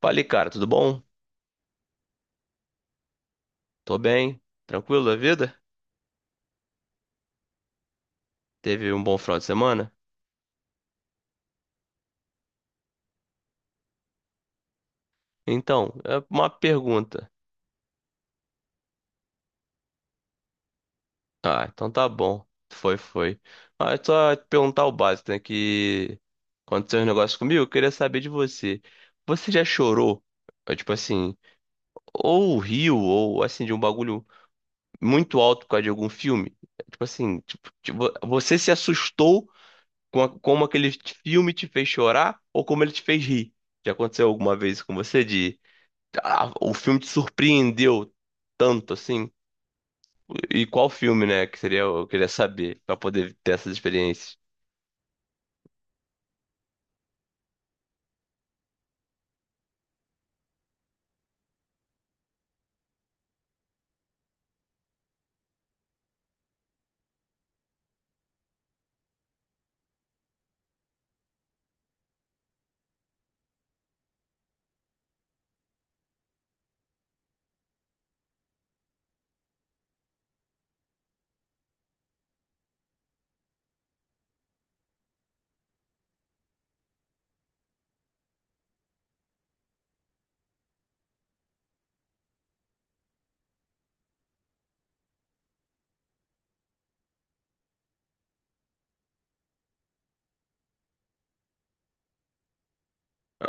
Falei, cara, tudo bom? Tô bem, tranquilo da vida? Teve um bom final de semana? Então, é uma pergunta. Ah, então tá bom. Foi, foi. Ah, é só te perguntar o básico, né? Que Aconteceu um negócio comigo, eu queria saber de você. Você já chorou? Tipo assim, ou riu, ou assim, de um bagulho muito alto por causa de algum filme? Tipo assim, tipo, você se assustou como aquele filme te fez chorar ou como ele te fez rir? Já aconteceu alguma vez com você de ah, o filme te surpreendeu tanto assim? E qual filme, né? Que seria, eu queria saber, pra poder ter essas experiências.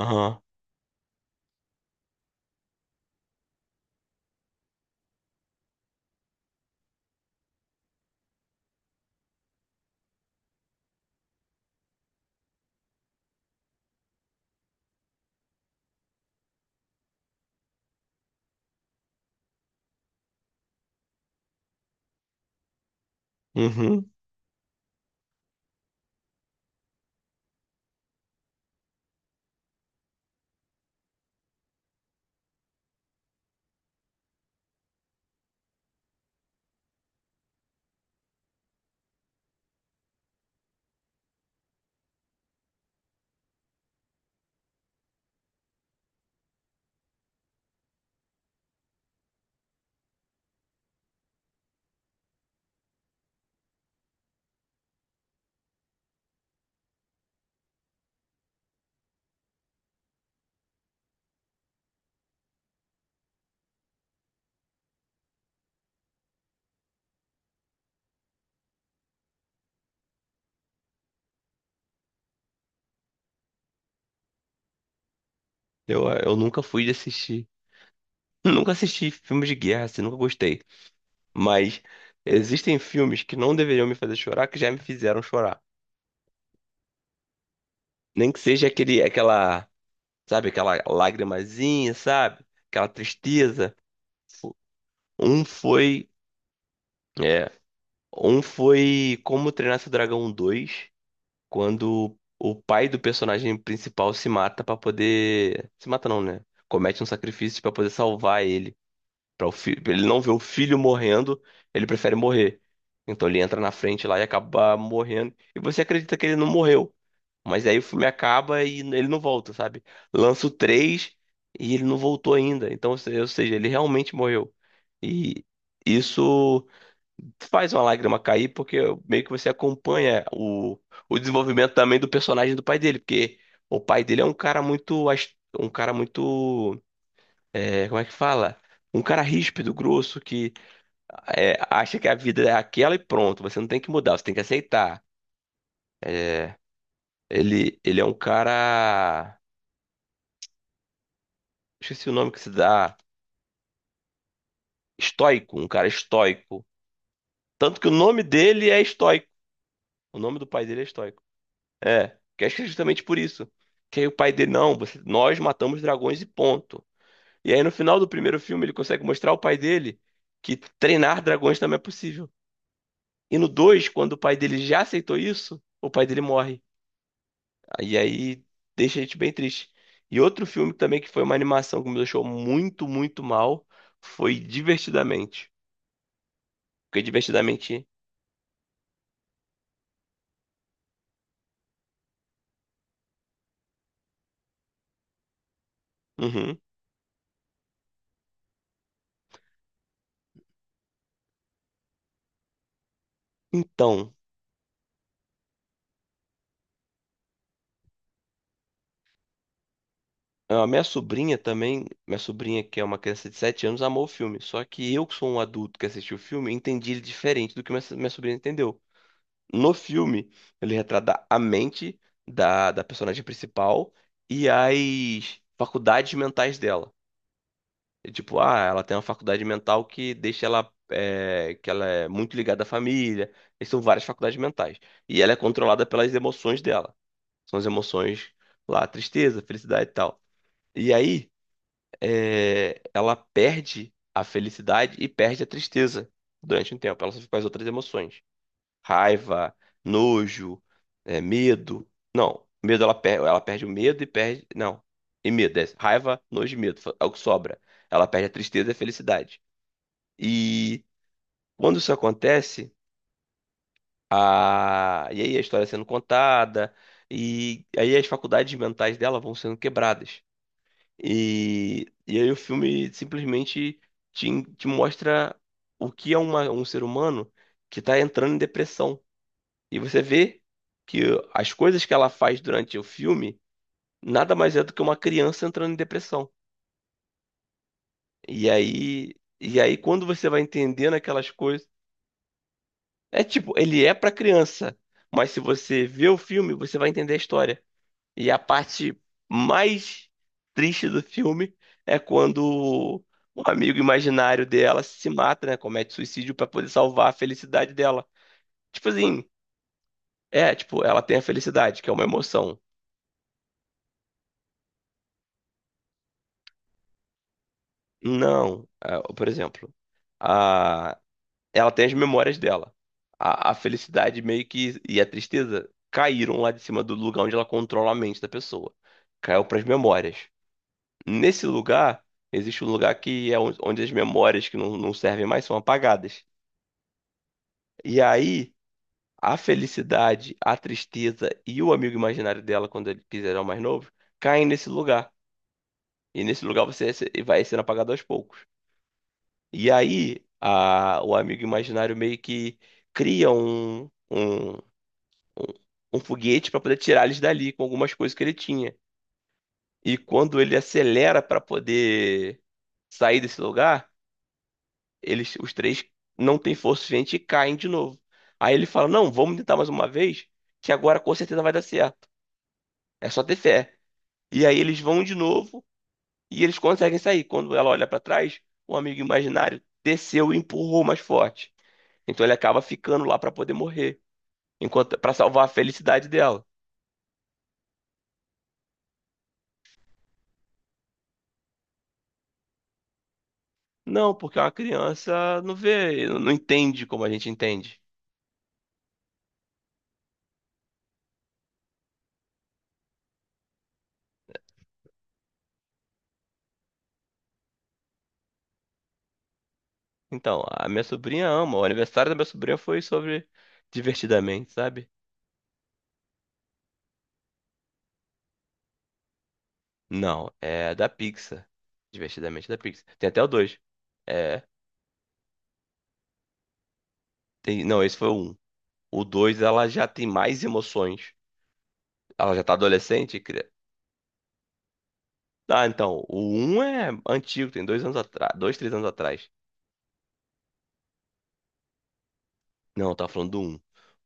Aham, uhum. Eu nunca fui de assistir. Nunca assisti filmes de guerra, assim, nunca gostei. Mas existem filmes que não deveriam me fazer chorar, que já me fizeram chorar. Nem que seja aquele, aquela, sabe, aquela lagrimazinha, sabe? Aquela tristeza. Fo- Um é, um foi Como Treinar Seu Dragão dois, quando o pai do personagem principal se mata pra poder. Se mata não, né? Comete um sacrifício pra poder salvar ele. Para o filho, ele não vê o filho morrendo, ele prefere morrer. Então ele entra na frente lá e acaba morrendo. E você acredita que ele não morreu. Mas aí o filme acaba e ele não volta, sabe? Lança o 3 e ele não voltou ainda. Então, ou se- ou seja, ele realmente morreu. E isso faz uma lágrima cair, porque meio que você acompanha o desenvolvimento também do personagem do pai dele, porque o pai dele é um cara muito, um cara muito, é, como é que fala? Um cara ríspido, grosso, que é, acha que a vida é aquela e pronto, você não tem que mudar, você tem que aceitar. Ele é um cara, esqueci o nome que se dá, estoico, um cara estoico. Tanto que o nome dele é estoico, o nome do pai dele é estoico. É, que acho que é justamente por isso. Que aí o pai dele, não, nós matamos dragões e ponto. E aí no final do primeiro filme ele consegue mostrar ao pai dele que treinar dragões também é possível. E no 2 quando o pai dele já aceitou isso, o pai dele morre. E aí deixa a gente bem triste. E outro filme também que foi uma animação que me deixou muito, muito mal foi Divertidamente. Porque Divertidamente. Uhum. Então, a minha sobrinha também, minha sobrinha que é uma criança de 7 anos, amou o filme. Só que eu, que sou um adulto que assistiu o filme, entendi ele diferente do que minha sobrinha entendeu. No filme, ele retrata a mente da personagem principal e as faculdades mentais dela. E, tipo, ah, ela tem uma faculdade mental que deixa ela, é, que ela é muito ligada à família. E são várias faculdades mentais. E ela é controlada pelas emoções dela. São as emoções lá, tristeza, felicidade e tal. E aí é, ela perde a felicidade e perde a tristeza durante um tempo. Ela só fica com as outras emoções. Raiva, nojo, é, medo. Não, medo ela perde. Ela perde o medo e perde. Não. E medo. É raiva, nojo e medo. É o que sobra. Ela perde a tristeza e a felicidade. E quando isso acontece, e aí a história sendo contada, e aí as faculdades mentais dela vão sendo quebradas. E, aí o filme simplesmente te, te mostra o que é um ser humano que está entrando em depressão. E você vê que as coisas que ela faz durante o filme nada mais é do que uma criança entrando em depressão. E aí quando você vai entendendo aquelas coisas, é tipo, ele é para criança, mas se você vê o filme, você vai entender a história. E a parte mais triste do filme é quando o amigo imaginário dela se mata, né? Comete suicídio pra poder salvar a felicidade dela. Tipo assim, é, tipo, ela tem a felicidade, que é uma emoção. Não, é, por exemplo, a, ela tem as memórias dela. A felicidade meio que e a tristeza caíram lá de cima do lugar onde ela controla a mente da pessoa. Caiu pras memórias. Nesse lugar, existe um lugar que é onde as memórias que não servem mais são apagadas. E aí, a felicidade, a tristeza e o amigo imaginário dela, quando ele quiser mais novo, caem nesse lugar. E nesse lugar você vai sendo apagado aos poucos. E aí, o amigo imaginário meio que cria um, um, um foguete para poder tirar eles dali com algumas coisas que ele tinha. E quando ele acelera para poder sair desse lugar eles, os três não têm força suficiente e caem de novo. Aí ele fala: não, vamos tentar mais uma vez, que agora com certeza vai dar certo. É só ter fé. E aí eles vão de novo e eles conseguem sair. Quando ela olha pra trás, o amigo imaginário desceu e empurrou mais forte. Então ele acaba ficando lá pra poder morrer, enquanto para salvar a felicidade dela. Não, porque uma criança não vê, não entende como a gente entende. Então, a minha sobrinha ama. O aniversário da minha sobrinha foi sobre divertidamente, sabe? Não, é da Pixar. Divertidamente da Pixar. Tem até o dois. É, tem, não, esse foi o um. O dois ela já tem mais emoções. Ela já tá adolescente. Ah, então, o um é antigo, tem 2 anos atrás, dois, 3 anos atrás. Não, tá falando do um.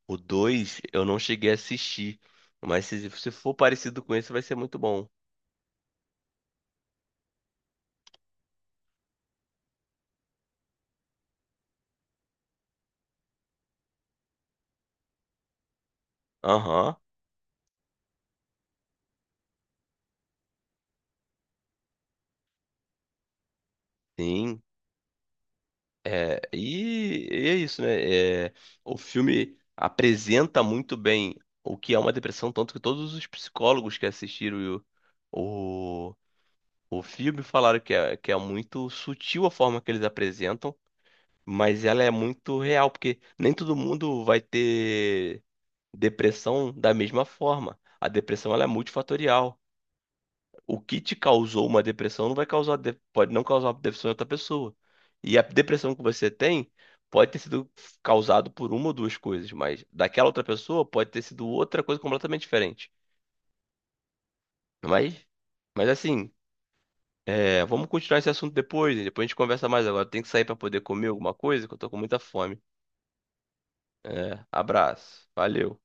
O dois eu não cheguei a assistir, mas se for parecido com esse vai ser muito bom. Aham, sim. É, e é isso, né? É, o filme apresenta muito bem o que é uma depressão, tanto que todos os psicólogos que assistiram o, o, o filme falaram que é muito sutil a forma que eles apresentam, mas ela é muito real, porque nem todo mundo vai ter depressão da mesma forma. A depressão ela é multifatorial. O que te causou uma depressão não vai causar, pode não causar uma depressão em outra pessoa. E a depressão que você tem pode ter sido causado por uma ou duas coisas, mas daquela outra pessoa pode ter sido outra coisa completamente diferente. Mas, mas assim, é, vamos continuar esse assunto depois, né? Depois a gente conversa mais agora. Tem que sair para poder comer alguma coisa, que eu tô com muita fome. É, abraço. Valeu.